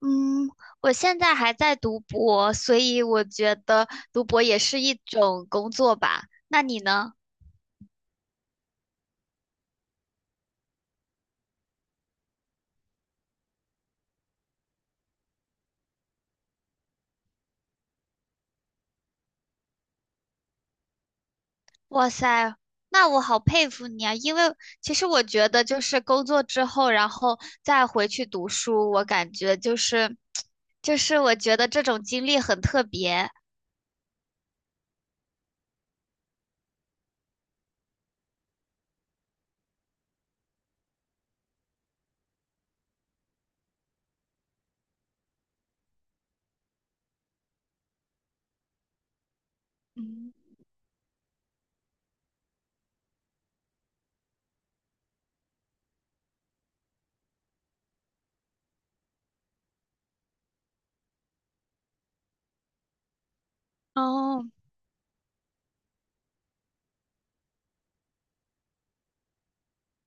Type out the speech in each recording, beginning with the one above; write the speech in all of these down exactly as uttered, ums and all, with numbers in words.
嗯，我现在还在读博，所以我觉得读博也是一种工作吧。那你呢？哇塞，那我好佩服你啊！因为其实我觉得，就是工作之后，然后再回去读书，我感觉就是，就是我觉得这种经历很特别。嗯，哦，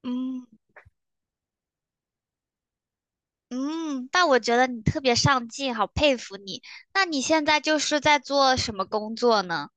嗯嗯，但我觉得你特别上进，好佩服你。那你现在就是在做什么工作呢？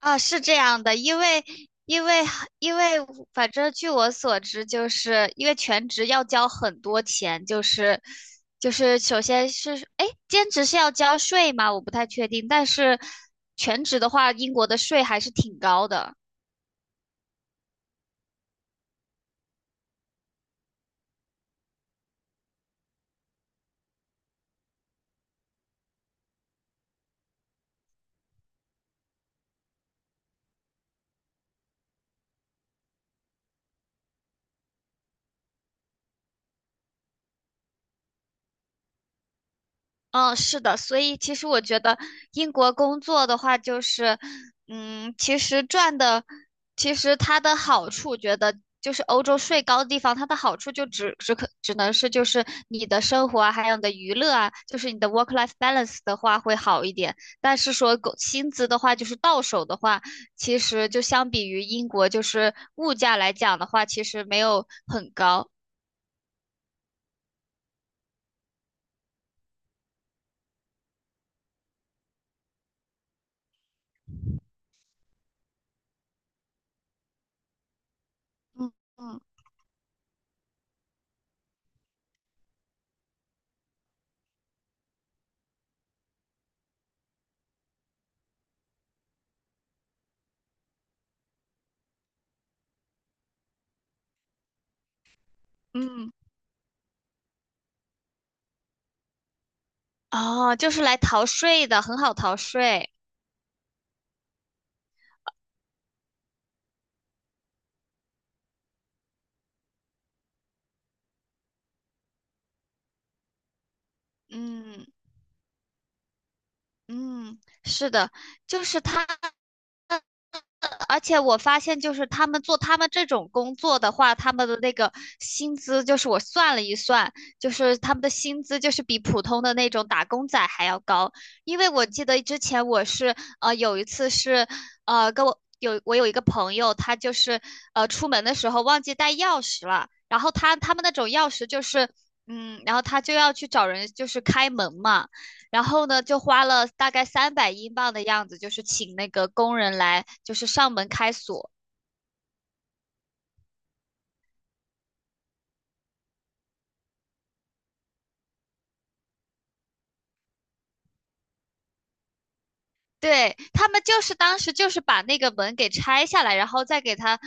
啊，是这样的，因为因为因为，反正据我所知，就是因为全职要交很多钱，就是就是首先是，哎，兼职是要交税吗？我不太确定，但是全职的话，英国的税还是挺高的。嗯，是的，所以其实我觉得英国工作的话，就是，嗯，其实赚的，其实它的好处，觉得就是欧洲税高的地方，它的好处就只只可只能是就是你的生活啊，还有你的娱乐啊，就是你的 work life balance 的话会好一点。但是说狗薪资的话，就是到手的话，其实就相比于英国，就是物价来讲的话，其实没有很高。嗯嗯嗯，哦，就是来逃税的，很好逃税。嗯嗯，是的，就是他，而且我发现，就是他们做他们这种工作的话，他们的那个薪资，就是我算了一算，就是他们的薪资就是比普通的那种打工仔还要高。因为我记得之前我是呃有一次是呃跟我有我有一个朋友，他就是呃出门的时候忘记带钥匙了，然后他他们那种钥匙就是嗯，然后他就要去找人就是开门嘛。然后呢，就花了大概三百英镑的样子，就是请那个工人来，就是上门开锁。对，他们就是当时就是把那个门给拆下来，然后再给他，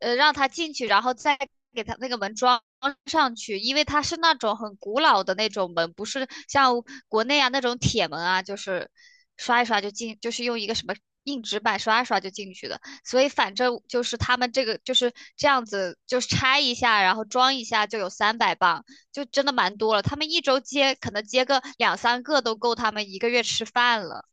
呃，让他进去，然后再给他那个门装上去，因为它是那种很古老的那种门，不是像国内啊那种铁门啊，就是刷一刷就进，就是用一个什么硬纸板刷一刷就进去的。所以反正就是他们这个就是这样子，就是拆一下，然后装一下就有三百磅，就真的蛮多了。他们一周接可能接个两三个都够他们一个月吃饭了。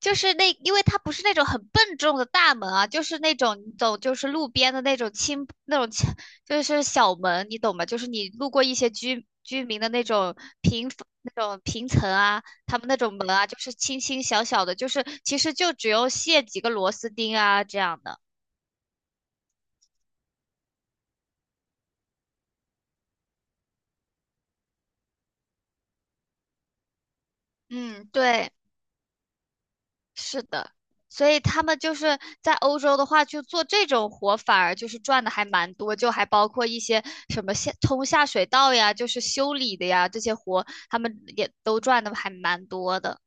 就是那，因为它不是那种很笨重的大门啊，就是那种你走就是路边的那种轻那种轻就是小门，你懂吗？就是你路过一些居居民的那种平那种平层啊，他们那种门啊，就是轻轻小小的，就是其实就只有卸几个螺丝钉啊这样的。嗯，对。是的，所以他们就是在欧洲的话，就做这种活，反而就是赚的还蛮多，就还包括一些什么下通下水道呀，就是修理的呀，这些活他们也都赚的还蛮多的。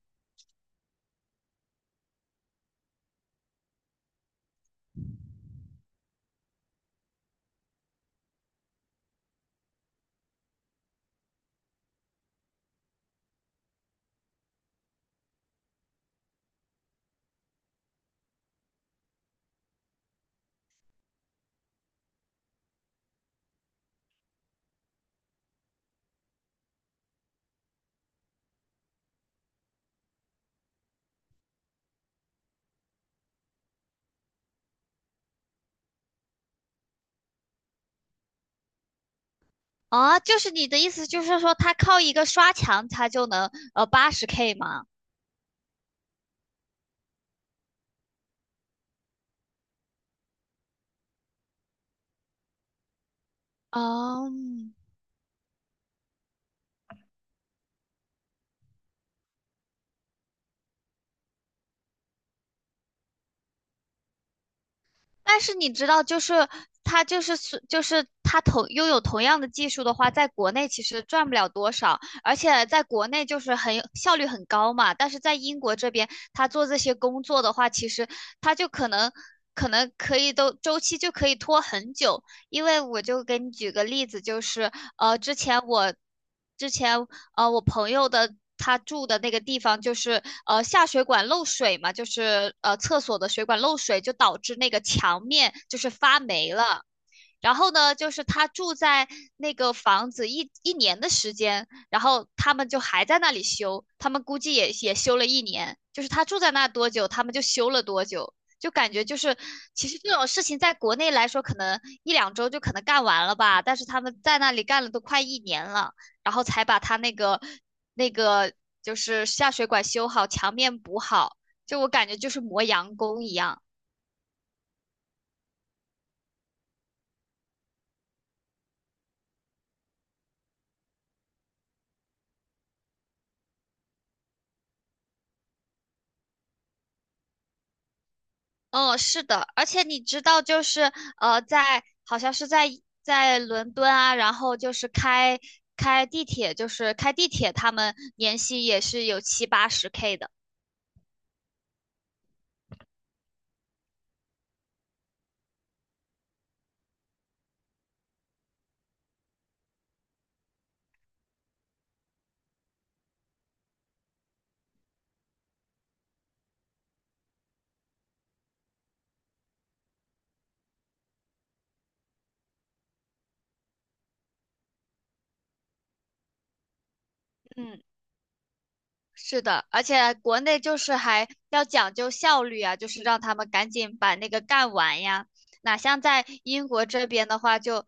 啊，就是你的意思就是说，他靠一个刷墙，他就能呃八十 K 吗？哦，但是你知道，就是他就是是就是他同拥有同样的技术的话，在国内其实赚不了多少，而且在国内就是很效率很高嘛。但是在英国这边，他做这些工作的话，其实他就可能可能可以都周期就可以拖很久，因为我就给你举个例子，就是呃，之前我之前呃，我朋友的他住的那个地方就是呃下水管漏水嘛，就是呃厕所的水管漏水，就导致那个墙面就是发霉了。然后呢，就是他住在那个房子一一年的时间，然后他们就还在那里修，他们估计也也修了一年，就是他住在那多久，他们就修了多久，就感觉就是其实这种事情在国内来说，可能一两周就可能干完了吧，但是他们在那里干了都快一年了，然后才把他那个那个就是下水管修好，墙面补好，就我感觉就是磨洋工一样。嗯，是的，而且你知道，就是呃，在好像是在在伦敦啊，然后就是开开地铁，就是开地铁，他们年薪也是有七八十 K 的。嗯是的，而且国内就是还要讲究效率啊，就是让他们赶紧把那个干完呀。哪像在英国这边的话就，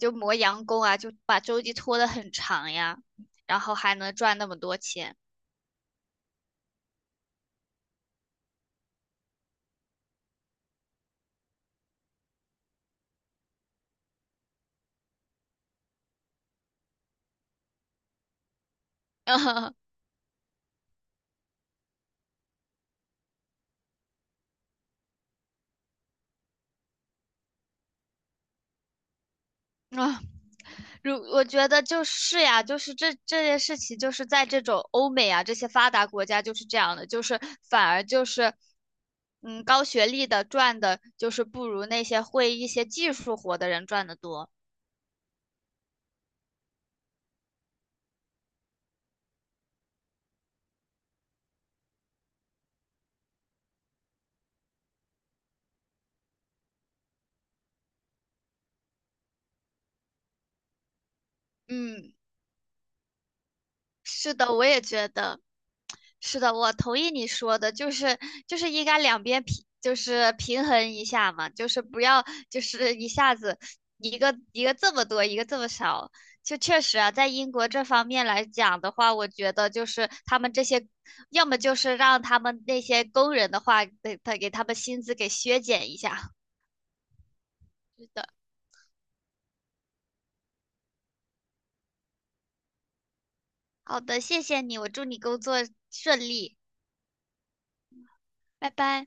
就磨洋工啊，就把周期拖得很长呀，然后还能赚那么多钱。啊，如我觉得就是呀，就是这这件事情，就是在这种欧美啊这些发达国家就是这样的，就是反而就是，嗯，高学历的赚的，就是不如那些会一些技术活的人赚的多。嗯。是的，我也觉得，是的，我同意你说的，就是就是应该两边平，就是平衡一下嘛，就是不要就是一下子一个一个这么多，一个这么少。就确实啊，在英国这方面来讲的话，我觉得就是他们这些，要么就是让他们那些工人的话，给他给他们薪资给削减一下。是的，好的，谢谢你，我祝你工作顺利，拜拜。